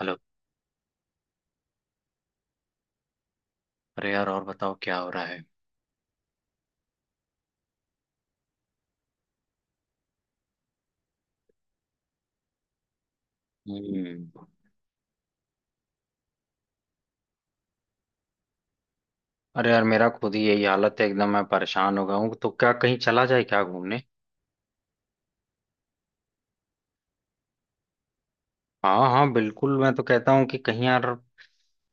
Hello. अरे यार, और बताओ क्या हो रहा है? हम्म। अरे यार, मेरा खुद ही यही हालत है एकदम। मैं परेशान हो गया हूँ। तो क्या कहीं चला जाए क्या, घूमने? हाँ हाँ बिल्कुल, मैं तो कहता हूँ कि कहीं, यार,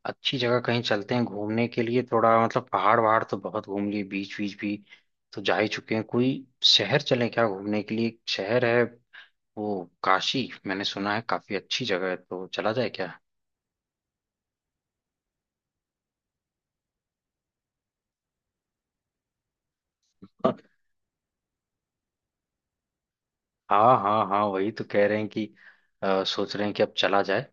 अच्छी जगह कहीं चलते हैं घूमने के लिए। थोड़ा मतलब पहाड़ वहाड़ तो बहुत घूम लिए, बीच बीच भी तो जा ही चुके हैं। कोई शहर चलें क्या घूमने के लिए? एक शहर है वो काशी, मैंने सुना है काफी अच्छी जगह है। तो चला जाए क्या? हाँ हाँ हाँ, वही तो कह रहे हैं कि सोच रहे हैं कि अब चला जाए।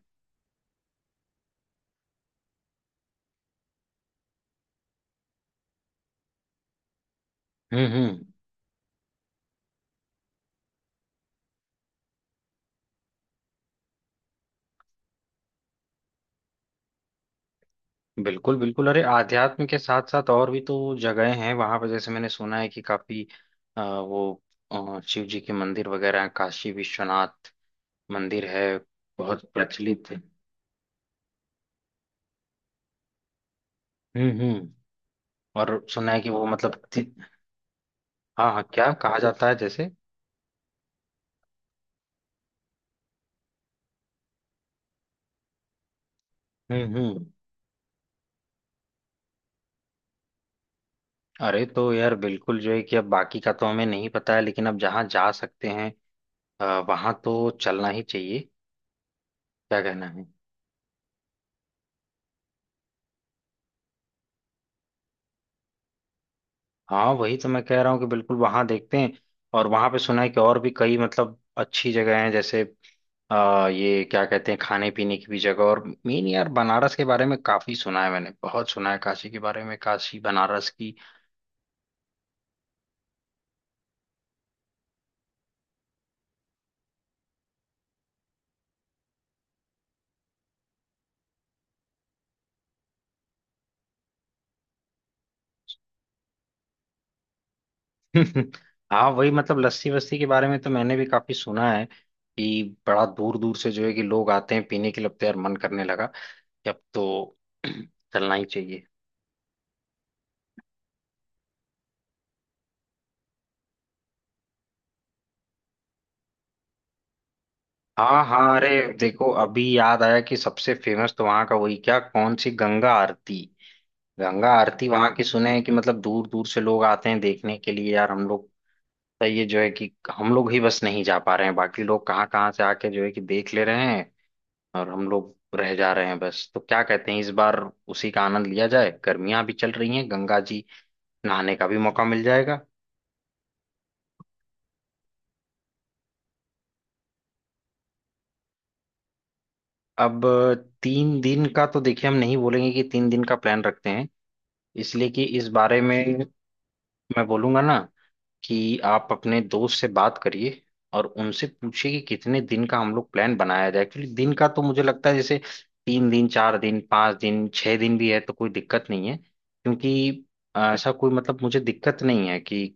हम्म। बिल्कुल बिल्कुल। अरे आध्यात्म के साथ साथ और भी तो जगहें हैं वहां पर, जैसे मैंने सुना है कि काफी वो शिव जी के मंदिर वगैरह हैं, काशी विश्वनाथ मंदिर है, बहुत प्रचलित है। हम्म। और सुना है कि वो मतलब हाँ हाँ, क्या कहा जाता है जैसे? हम्म। अरे तो यार बिल्कुल, जो है कि अब बाकी का तो हमें नहीं पता है, लेकिन अब जहाँ जा सकते हैं वहाँ तो चलना ही चाहिए। क्या कहना है? हाँ वही तो मैं कह रहा हूँ कि बिल्कुल वहां देखते हैं। और वहां पे सुना है कि और भी कई मतलब अच्छी जगह हैं, जैसे ये क्या कहते हैं, खाने पीने की भी जगह। और मेन, यार, बनारस के बारे में काफी सुना है मैंने, बहुत सुना है काशी के बारे में, काशी बनारस की। हाँ, वही मतलब लस्सी वस्सी के बारे में तो मैंने भी काफी सुना है कि बड़ा दूर दूर से जो है कि लोग आते हैं पीने के लिए। अब तो यार मन करने लगा कि अब तो चलना ही चाहिए। हाँ हाँ। अरे देखो, अभी याद आया कि सबसे फेमस तो वहां का वही क्या, कौन सी गंगा आरती, गंगा आरती वहां की, सुने हैं कि मतलब दूर दूर से लोग आते हैं देखने के लिए, यार हम लोग, तो ये जो है कि हम लोग ही बस नहीं जा पा रहे हैं, बाकी लोग कहाँ कहाँ से आके जो है कि देख ले रहे हैं, और हम लोग रह जा रहे हैं बस। तो क्या कहते हैं इस बार उसी का आनंद लिया जाए? गर्मियां भी चल रही हैं, गंगा जी नहाने का भी मौका मिल जाएगा। अब 3 दिन का तो देखिए, हम नहीं बोलेंगे कि 3 दिन का प्लान रखते हैं। इसलिए कि इस बारे में मैं बोलूंगा ना, कि आप अपने दोस्त से बात करिए, और उनसे पूछिए कि कितने दिन का हम लोग प्लान बनाया जाए। एक्चुअली दिन का तो मुझे लगता है जैसे 3 दिन, 4 दिन, 5 दिन, 6 दिन भी है तो कोई दिक्कत नहीं है, क्योंकि ऐसा कोई मतलब मुझे दिक्कत नहीं है कि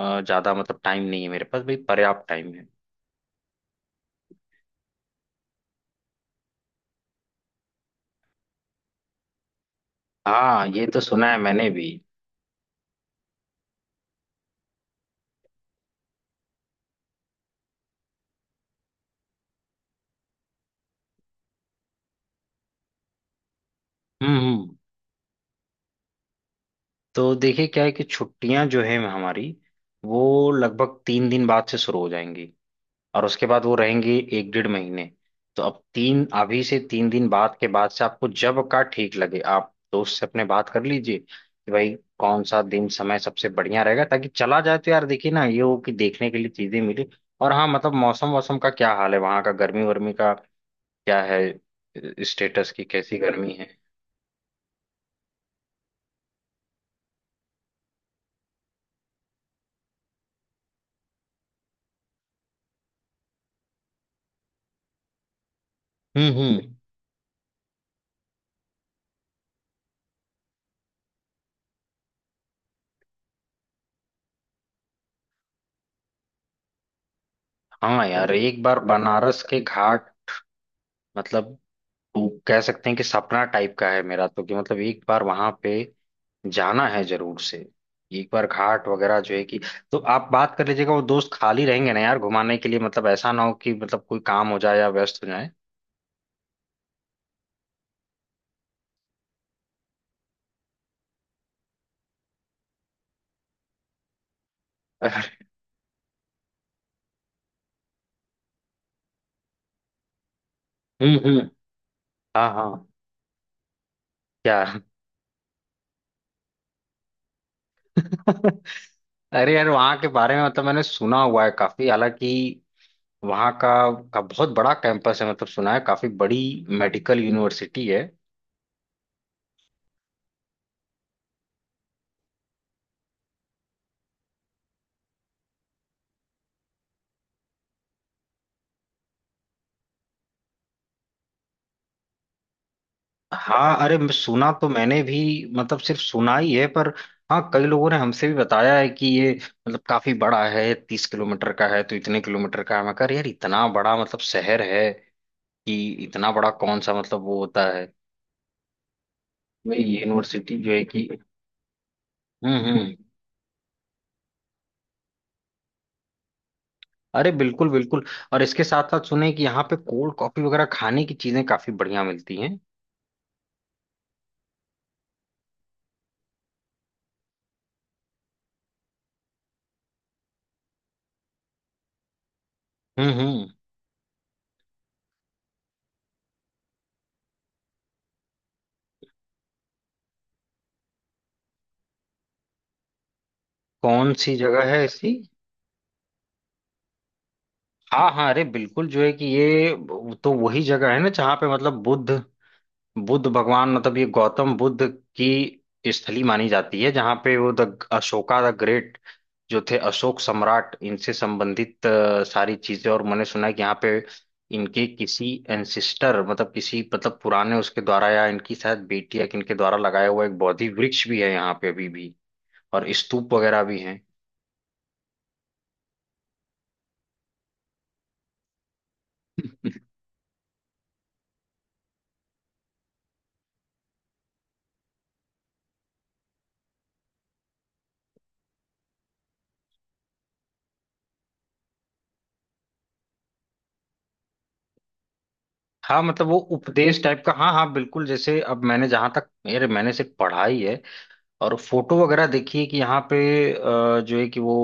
ज्यादा मतलब टाइम नहीं है मेरे पास भाई, पर्याप्त टाइम है। हाँ ये तो सुना है मैंने भी। हम्म हम्म। तो देखिए क्या है, कि छुट्टियां जो है हमारी, वो लगभग 3 दिन बाद से शुरू हो जाएंगी, और उसके बाद वो रहेंगी एक 1.5 महीने। तो अब तीन, अभी से 3 दिन बाद के बाद से, आपको जब का ठीक लगे आप दोस्त से अपने बात कर लीजिए कि भाई कौन सा दिन, समय सबसे बढ़िया रहेगा ताकि चला जाए। तो यार देखिए ना, ये हो कि देखने के लिए चीजें मिले। और हाँ, मतलब मौसम, मौसम का क्या हाल है वहां का, गर्मी वर्मी का क्या है, स्टेटस की, कैसी गर्मी है? हम्म। हाँ यार, एक बार बनारस के घाट, मतलब वो कह सकते हैं कि सपना टाइप का है मेरा तो, कि मतलब एक बार वहां पे जाना है जरूर से, एक बार घाट वगैरह जो है कि, तो आप बात कर लीजिएगा। वो दोस्त खाली रहेंगे ना यार घुमाने के लिए, मतलब ऐसा ना हो कि मतलब कोई काम हो जाए या व्यस्त हो जाए। हम्म। हाँ हाँ। क्या? अरे यार, वहाँ के बारे में मतलब मैंने सुना हुआ है काफी, हालांकि वहाँ का बहुत बड़ा कैंपस है, मतलब सुना है काफी बड़ी मेडिकल यूनिवर्सिटी है। हाँ अरे, सुना तो मैंने भी, मतलब सिर्फ सुना ही है पर। हाँ, कई लोगों ने हमसे भी बताया है कि ये मतलब काफी बड़ा है, 30 किलोमीटर का है, तो इतने किलोमीटर का है। मैं कह रहा, यार इतना बड़ा मतलब शहर है कि, इतना बड़ा कौन सा मतलब वो होता है, मैं ये, यूनिवर्सिटी जो है कि। हम्म। अरे बिल्कुल बिल्कुल। और इसके साथ साथ सुने कि यहाँ पे कोल्ड कॉफी वगैरह खाने की चीजें काफी बढ़िया मिलती हैं। हम्म। कौन सी जगह है ऐसी? हाँ हाँ अरे, बिल्कुल जो है कि ये तो वही जगह है ना जहाँ पे मतलब बुद्ध, बुद्ध भगवान मतलब ये गौतम बुद्ध की स्थली मानी जाती है, जहाँ पे वो द अशोका द ग्रेट जो थे, अशोक सम्राट, इनसे संबंधित सारी चीजें, और मैंने सुना है कि यहाँ पे इनके किसी एंसिस्टर, मतलब किसी मतलब पुराने उसके द्वारा, या इनकी शायद बेटी या किनके द्वारा लगाया हुआ एक बोधि वृक्ष भी है यहाँ पे अभी भी, और स्तूप वगैरह भी है। हाँ, मतलब वो उपदेश टाइप का, हाँ हाँ बिल्कुल, जैसे अब मैंने जहां तक, मेरे मैंने सिर्फ पढ़ाई है, और फोटो वगैरह देखिए कि यहाँ पे जो है कि वो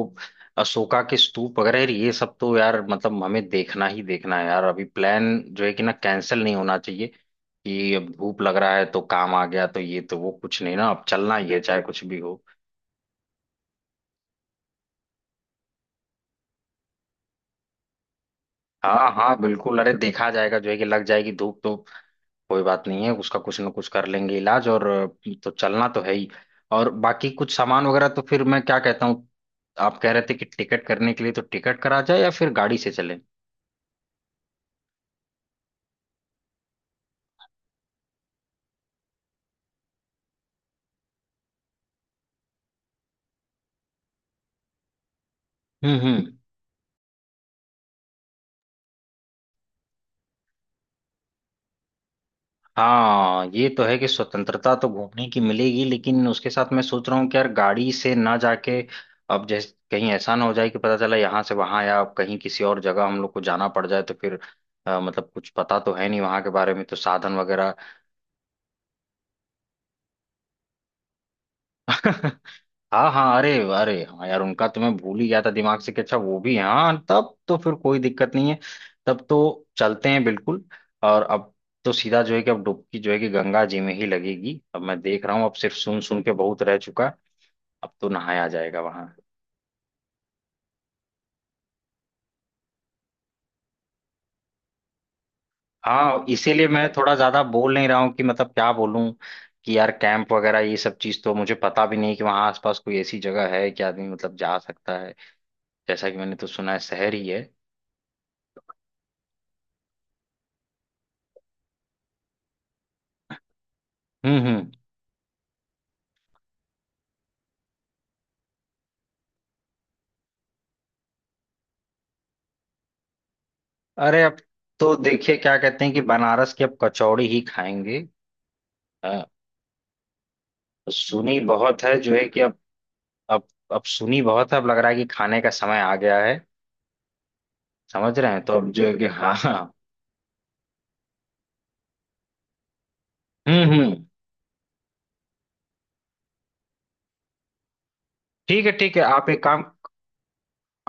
अशोका के स्तूप वगैरह है, ये सब तो यार मतलब हमें देखना ही देखना है यार। अभी प्लान जो है कि ना कैंसिल नहीं होना चाहिए, कि अब धूप लग रहा है तो काम आ गया तो ये तो वो कुछ नहीं ना, अब चलना ही है चाहे कुछ भी हो। हाँ हाँ बिल्कुल, अरे देखा जाएगा जो है कि, लग जाएगी धूप तो कोई बात नहीं है, उसका कुछ ना कुछ कर लेंगे इलाज, और तो चलना तो है ही। और बाकी कुछ सामान वगैरह तो फिर मैं क्या कहता हूँ, आप कह रहे थे कि टिकट करने के लिए, तो टिकट करा जाए या फिर गाड़ी से चले? हम्म। हाँ ये तो है कि स्वतंत्रता तो घूमने की मिलेगी, लेकिन उसके साथ मैं सोच रहा हूँ कि यार गाड़ी से ना जाके, अब जैसे कहीं ऐसा ना हो जाए कि पता चला यहाँ से वहां, या कहीं किसी और जगह हम लोग को जाना पड़ जाए, तो फिर मतलब कुछ पता तो है नहीं वहां के बारे में, तो साधन वगैरह। हाँ हाँ अरे, अरे हाँ यार, उनका तो मैं भूल ही गया था दिमाग से कि अच्छा वो भी हैं। हाँ तब तो फिर कोई दिक्कत नहीं है, तब तो चलते हैं बिल्कुल। और अब तो सीधा जो है कि अब डुबकी जो है कि गंगा जी में ही लगेगी। अब मैं देख रहा हूँ, अब सिर्फ सुन सुन के बहुत रह चुका, अब तो नहाया जाएगा वहां। हाँ, इसीलिए मैं थोड़ा ज्यादा बोल नहीं रहा हूँ कि मतलब क्या बोलूँ, कि यार कैंप वगैरह ये सब चीज तो मुझे पता भी नहीं, कि वहां आसपास कोई ऐसी जगह है कि आदमी मतलब जा सकता है। जैसा कि मैंने तो सुना है शहर ही है। हम्म। अरे अब तो देखिए क्या कहते हैं कि बनारस की अब कचौड़ी ही खाएंगे। हाँ, सुनी बहुत है जो है कि, अब अब सुनी बहुत है, अब लग रहा है कि खाने का समय आ गया है। समझ रहे हैं तो, अब जो है कि, हाँ हाँ। हम्म। ठीक है ठीक है, आप एक काम।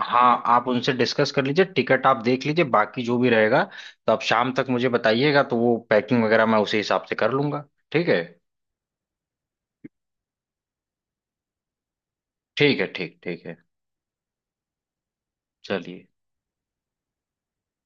हाँ आप उनसे डिस्कस कर लीजिए, टिकट आप देख लीजिए, बाकी जो भी रहेगा तो आप शाम तक मुझे बताइएगा, तो वो पैकिंग वगैरह मैं उसी हिसाब से कर लूंगा। ठीक है। ठीक है, ठीक ठीक है। चलिए।